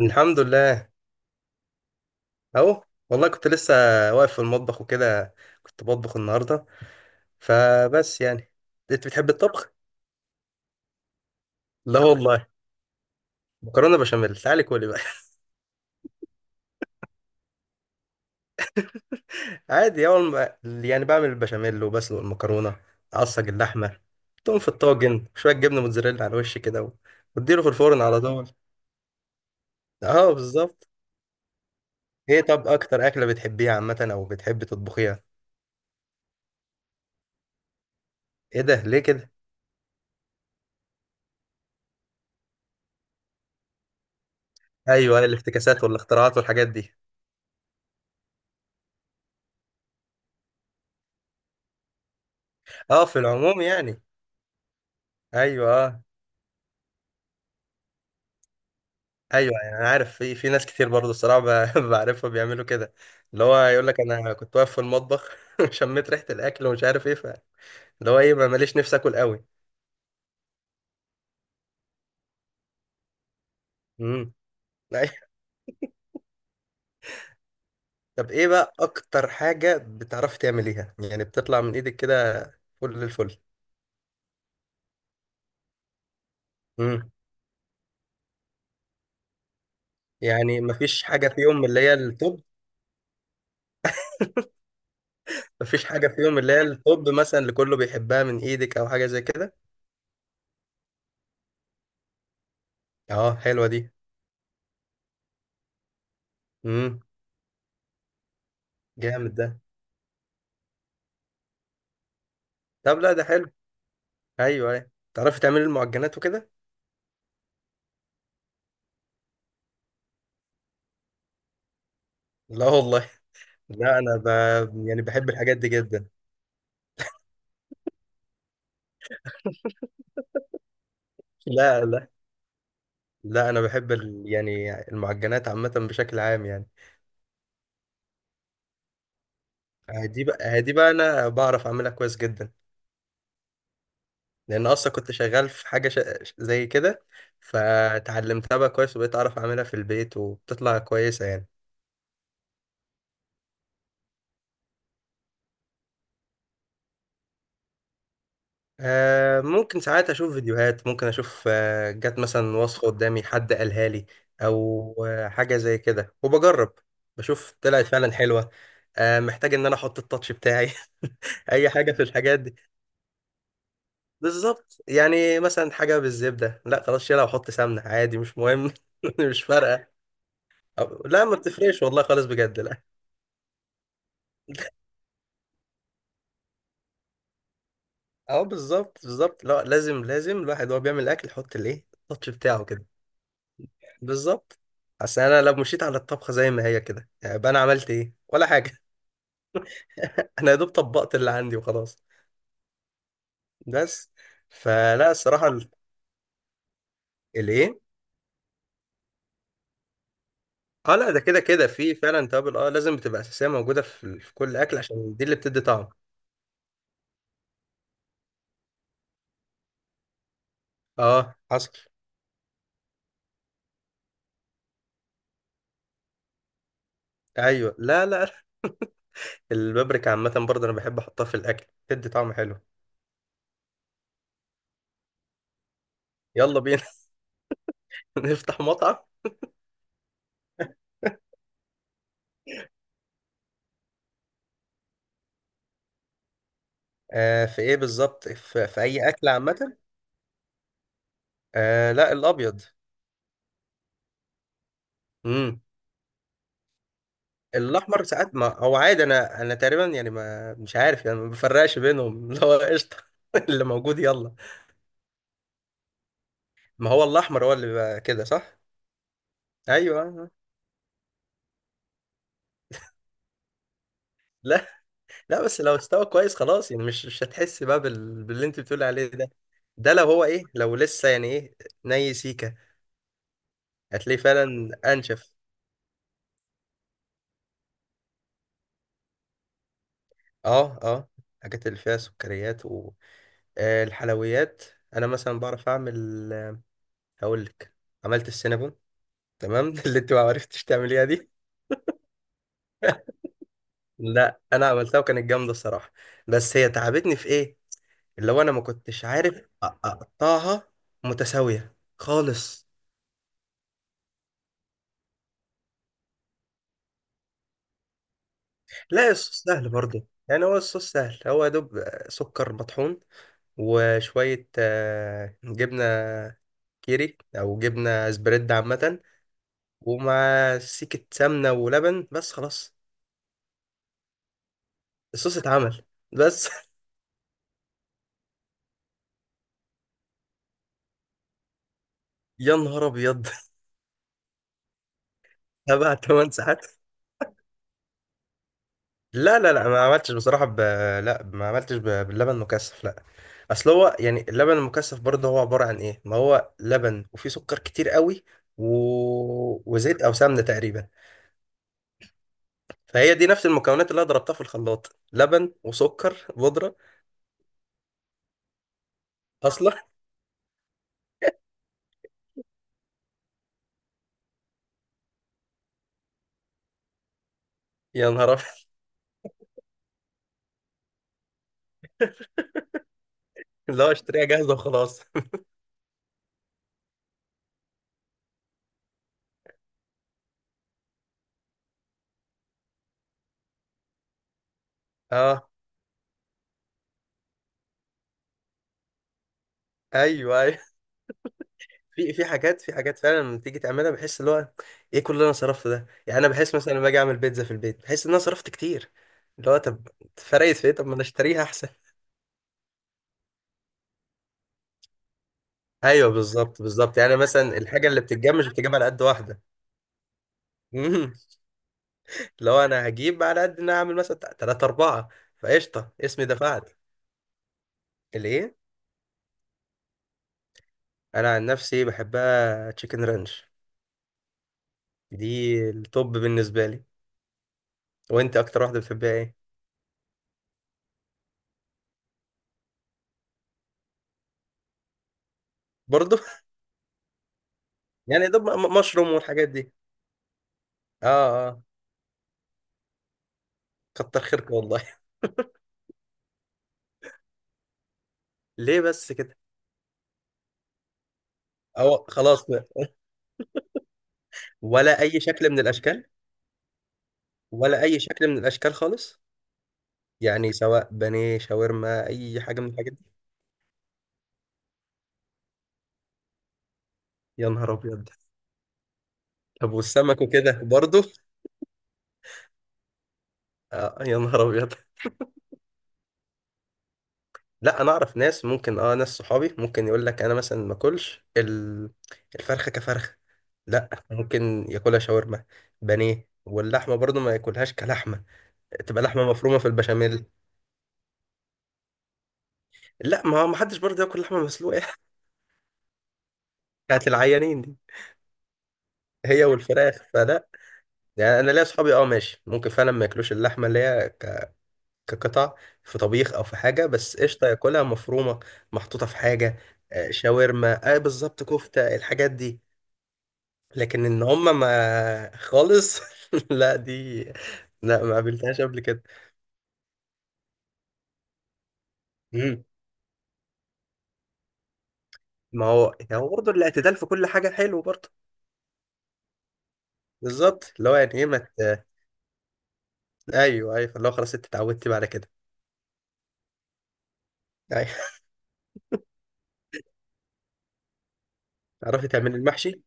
الحمد لله. اهو والله كنت لسه واقف في المطبخ وكده، كنت بطبخ النهارده. فبس يعني، انت بتحب الطبخ؟ لا والله، مكرونه بشاميل، تعالي كولي بقى. عادي، اول ما يعني بعمل البشاميل وبسلق المكرونه، اعصج اللحمه، توم في الطاجن، شويه جبنه موتزاريلا على الوش كده واديله في الفرن على طول. اه بالظبط. ايه؟ طب اكتر اكله بتحبيها عامه او بتحبي تطبخيها؟ ايه ده ليه كده؟ ايوه، الافتكاسات والاختراعات والحاجات دي. اه في العموم يعني. ايوه آه. ايوه يعني انا عارف، في ناس كتير برضه الصراحه، بعرفها بيعملوا كده، اللي هو يقول لك انا كنت واقف في المطبخ شميت ريحه الاكل ومش عارف ايه، ف اللي هو ايه، ما ماليش نفسي اكل قوي. امم أيوة. طب ايه بقى اكتر حاجه بتعرفي تعمليها، يعني بتطلع من ايدك كده؟ فل الفل. امم. يعني مفيش حاجه فيهم اللي هي التوب؟ مفيش حاجه فيهم اللي هي التوب مثلا، اللي كله بيحبها من ايدك او حاجه زي كده؟ اه حلوه دي. امم. جامد ده. طب لا ده حلو. ايوه ايوه، تعرفي تعملي المعجنات وكده؟ لا والله. لا انا يعني بحب الحاجات دي جدا. لا لا لا، انا بحب يعني المعجنات عامه بشكل عام يعني. دي بقى انا بعرف اعملها كويس جدا، لان اصلا كنت شغال في حاجه زي كده، فتعلمتها بقى كويس، وبقيت اعرف اعملها في البيت وبتطلع كويسه يعني. آه ممكن ساعات اشوف فيديوهات، ممكن اشوف، جت مثلا وصفة قدامي حد قالها لي، او حاجة زي كده، وبجرب بشوف طلعت فعلا حلوة. آه، محتاج ان انا احط التاتش بتاعي اي حاجة في الحاجات دي. بالظبط، يعني مثلا حاجة بالزبدة، لا خلاص شيلها وحط سمنة عادي، مش مهم. مش فارقة. لا ما بتفرقش والله خالص، بجد لا. اه بالظبط بالظبط، لا لازم لازم الواحد وهو بيعمل الاكل يحط الايه، التاتش بتاعه كده. بالظبط. اصل انا لو مشيت على الطبخه زي ما هي كده يعني، يبقى انا عملت ايه ولا حاجه. انا يا دوب طبقت اللي عندي وخلاص. بس. فلا الصراحه، الايه. اه لا، ده كده كده في فعلا توابل، لازم بتبقى اساسيه موجوده في كل اكل، عشان دي اللي بتدي طعم. اه حصل. ايوه لا لا، البابريكا عامه برضه انا بحب احطها في الاكل، بتدي طعم حلو. يلا بينا. نفتح مطعم. آه في ايه بالظبط، في اي اكل عامه؟ آه لا، الابيض. إمم. الاحمر ساعات، ما هو عادي، انا تقريبا يعني، ما مش عارف يعني، ما بفرقش بينهم اللي هو قشطه، اللي موجود يلا. ما هو الاحمر هو اللي بيبقى كده، صح؟ ايوه لا لا، بس لو استوى كويس خلاص، يعني مش هتحس بقى باللي انت بتقول عليه ده. ده لو هو ايه، لو لسه يعني ايه، ني سيكه، هتلاقيه فعلا انشف. اه اه. الحاجات اللي فيها سكريات والحلويات، انا مثلا بعرف اعمل. هقول لك، عملت السينابون تمام اللي انت ما عرفتش تعمليها دي. لا انا عملتها وكانت جامده الصراحه. بس هي تعبتني في ايه، اللي هو انا ما كنتش عارف اقطعها متساويه خالص. لا الصوص سهل برضه، يعني هو الصوص سهل، هو يا دوب سكر مطحون وشويه جبنه كيري او جبنه سبريد عامه، ومع سكه سمنه ولبن، بس خلاص. الصوص اتعمل، بس. يا نهار ابيض. سبع ثمان ساعات. لا لا لا، ما عملتش بصراحة، لا ما عملتش باللبن مكثف لا. اصل هو يعني اللبن المكثف برضه، هو عبارة عن ايه، ما هو لبن وفيه سكر كتير قوي و... وزيت او سمنة تقريبا. فهي دي نفس المكونات اللي انا ضربتها في الخلاط، لبن وسكر بودرة. اصلا يا نهار ابيض. اللي هو اشتريها جاهزة وخلاص. اه ايوه أيوه. في في حاجات فعلا لما تيجي تعملها، بحس اللي هو ايه كل اللي انا صرفته ده، يعني انا بحس مثلا لما باجي اعمل بيتزا في البيت بحس ان انا صرفت كتير. اللي هو طب فرقت في ايه، طب ما انا اشتريها احسن. ايوه بالظبط بالظبط، يعني مثلا الحاجه اللي بتتجاب مش بتجيب على قد واحده. مم. لو انا هجيب على قد ان انا اعمل مثلا ثلاثة اربعة، فقشطه اسمي دفعت. الايه؟ انا عن نفسي بحبها تشيكن رانش، دي التوب بالنسبه لي. وانت اكتر واحده بتحبها ايه؟ برضه. يعني ده مشروم والحاجات دي. اه آه. كتر خيرك والله. ليه بس كده؟ أو خلاص بقى. ولا أي شكل من الأشكال، ولا أي شكل من الأشكال خالص، يعني سواء بانيه شاورما أي حاجة من الحاجات دي. يا نهار أبيض. طب والسمك وكده برضه؟ آه يا نهار أبيض. لا أنا أعرف ناس، ممكن ناس صحابي ممكن يقول لك أنا مثلا ما أكلش الفرخة كفرخة، لا ممكن ياكلها شاورما بانيه، واللحمة برضه ما ياكلهاش كلحمة، تبقى لحمة مفرومة في البشاميل. لا ما هو ما حدش برضه ياكل لحمة مسلوقة بتاعت العيانين دي، هي والفراخ فلا. يعني انا ليا اصحابي، ماشي ممكن فعلا ما ياكلوش اللحمه اللي هي كقطع في طبيخ او في حاجه، بس قشطه ياكلها مفرومه محطوطه في حاجه. آه، شاورما، بالظبط كفته الحاجات دي. لكن ان هم ما خالص. لا دي. لا ما قابلتهاش قبل كده. مم. ما هو يعني هو برضه الاعتدال في كل حاجه حلو برضه. بالظبط، اللي هو يعني ايه ما ايوه ايوه، فاللي هو خلاص انت اتعودتي بعد كده. أيوة. تعرفي تعملي المحشي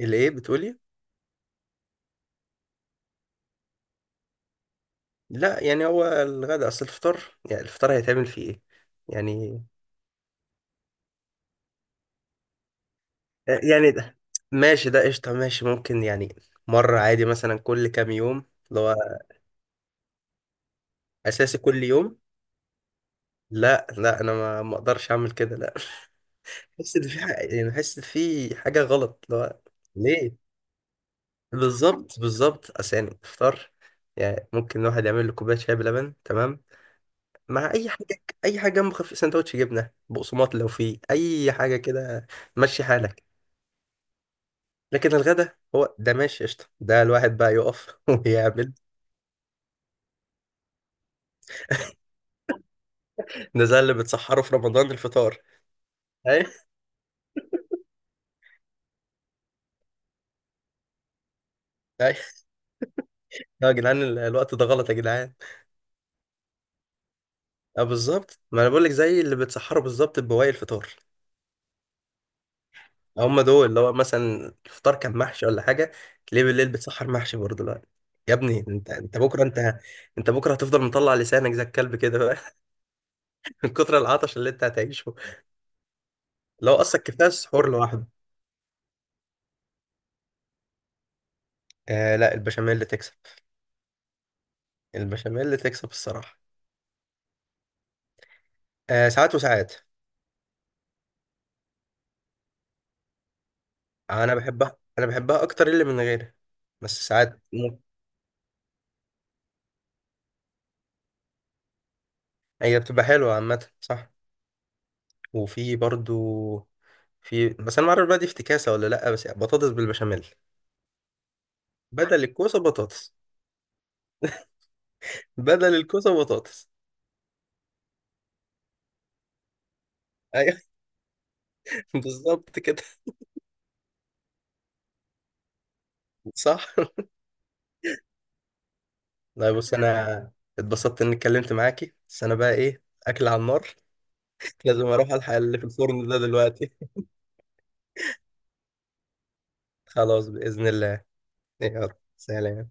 اللي ايه بتقولي؟ لا يعني هو الغداء، اصل الفطار، يعني الفطار هيتعمل فيه ايه؟ يعني، يعني ده ماشي، ده قشطة، ماشي ممكن يعني، مرة عادي مثلا كل كام يوم اللي هو اساسي كل يوم. لا لا، انا ما اقدرش اعمل كده، لا. بحس ان في حاجة، يعني بحس ان في حاجة غلط اللي هو، ليه؟ بالظبط بالظبط، اصل يعني الفطار، يعني ممكن الواحد يعمل له كوباية شاي بلبن تمام، مع اي حاجة، اي حاجة جنب خفيف، سندوتش جبنة بقسماط، لو فيه اي حاجة كده مشي حالك. لكن الغدا هو ده ماشي قشطة، ده الواحد بقى يقف ويعمل. ده زي اللي بتسحره في رمضان الفطار. ايوه ايوه. يا جدعان، الوقت ده غلط يا جدعان. اه بالظبط، ما انا بقول لك زي اللي بتسحره بالظبط ببواقي الفطار. آه، هم دول، اللي هو مثلا الفطار كان محشي ولا حاجة، تلاقيه بالليل بتسحر محشي برضه، لا. يا ابني انت بكره، انت انت بكره هتفضل مطلع لسانك زي الكلب كده بقى من كتر العطش اللي انت هتعيشه. لو اصلا كفايه السحور لوحده. آه لا، البشاميل اللي تكسب، البشاميل اللي تكسب الصراحه. آه ساعات وساعات. انا بحبها اكتر اللي من غيرها. بس ساعات مم. هي بتبقى حلوه عامه، صح؟ وفي برضو، في بس انا ما اعرف بقى دي افتكاسه ولا لا، بس بطاطس بالبشاميل، بدل الكوسه بطاطس، بدل الكوسه بطاطس. ايوه. بالظبط كده. صح. لا بص انا اتبسطت اني اتكلمت معاكي، بس انا بقى ايه اكل على النار، لازم اروح الحق اللي في الفرن ده دلوقتي. خلاص باذن الله. يلا سلام.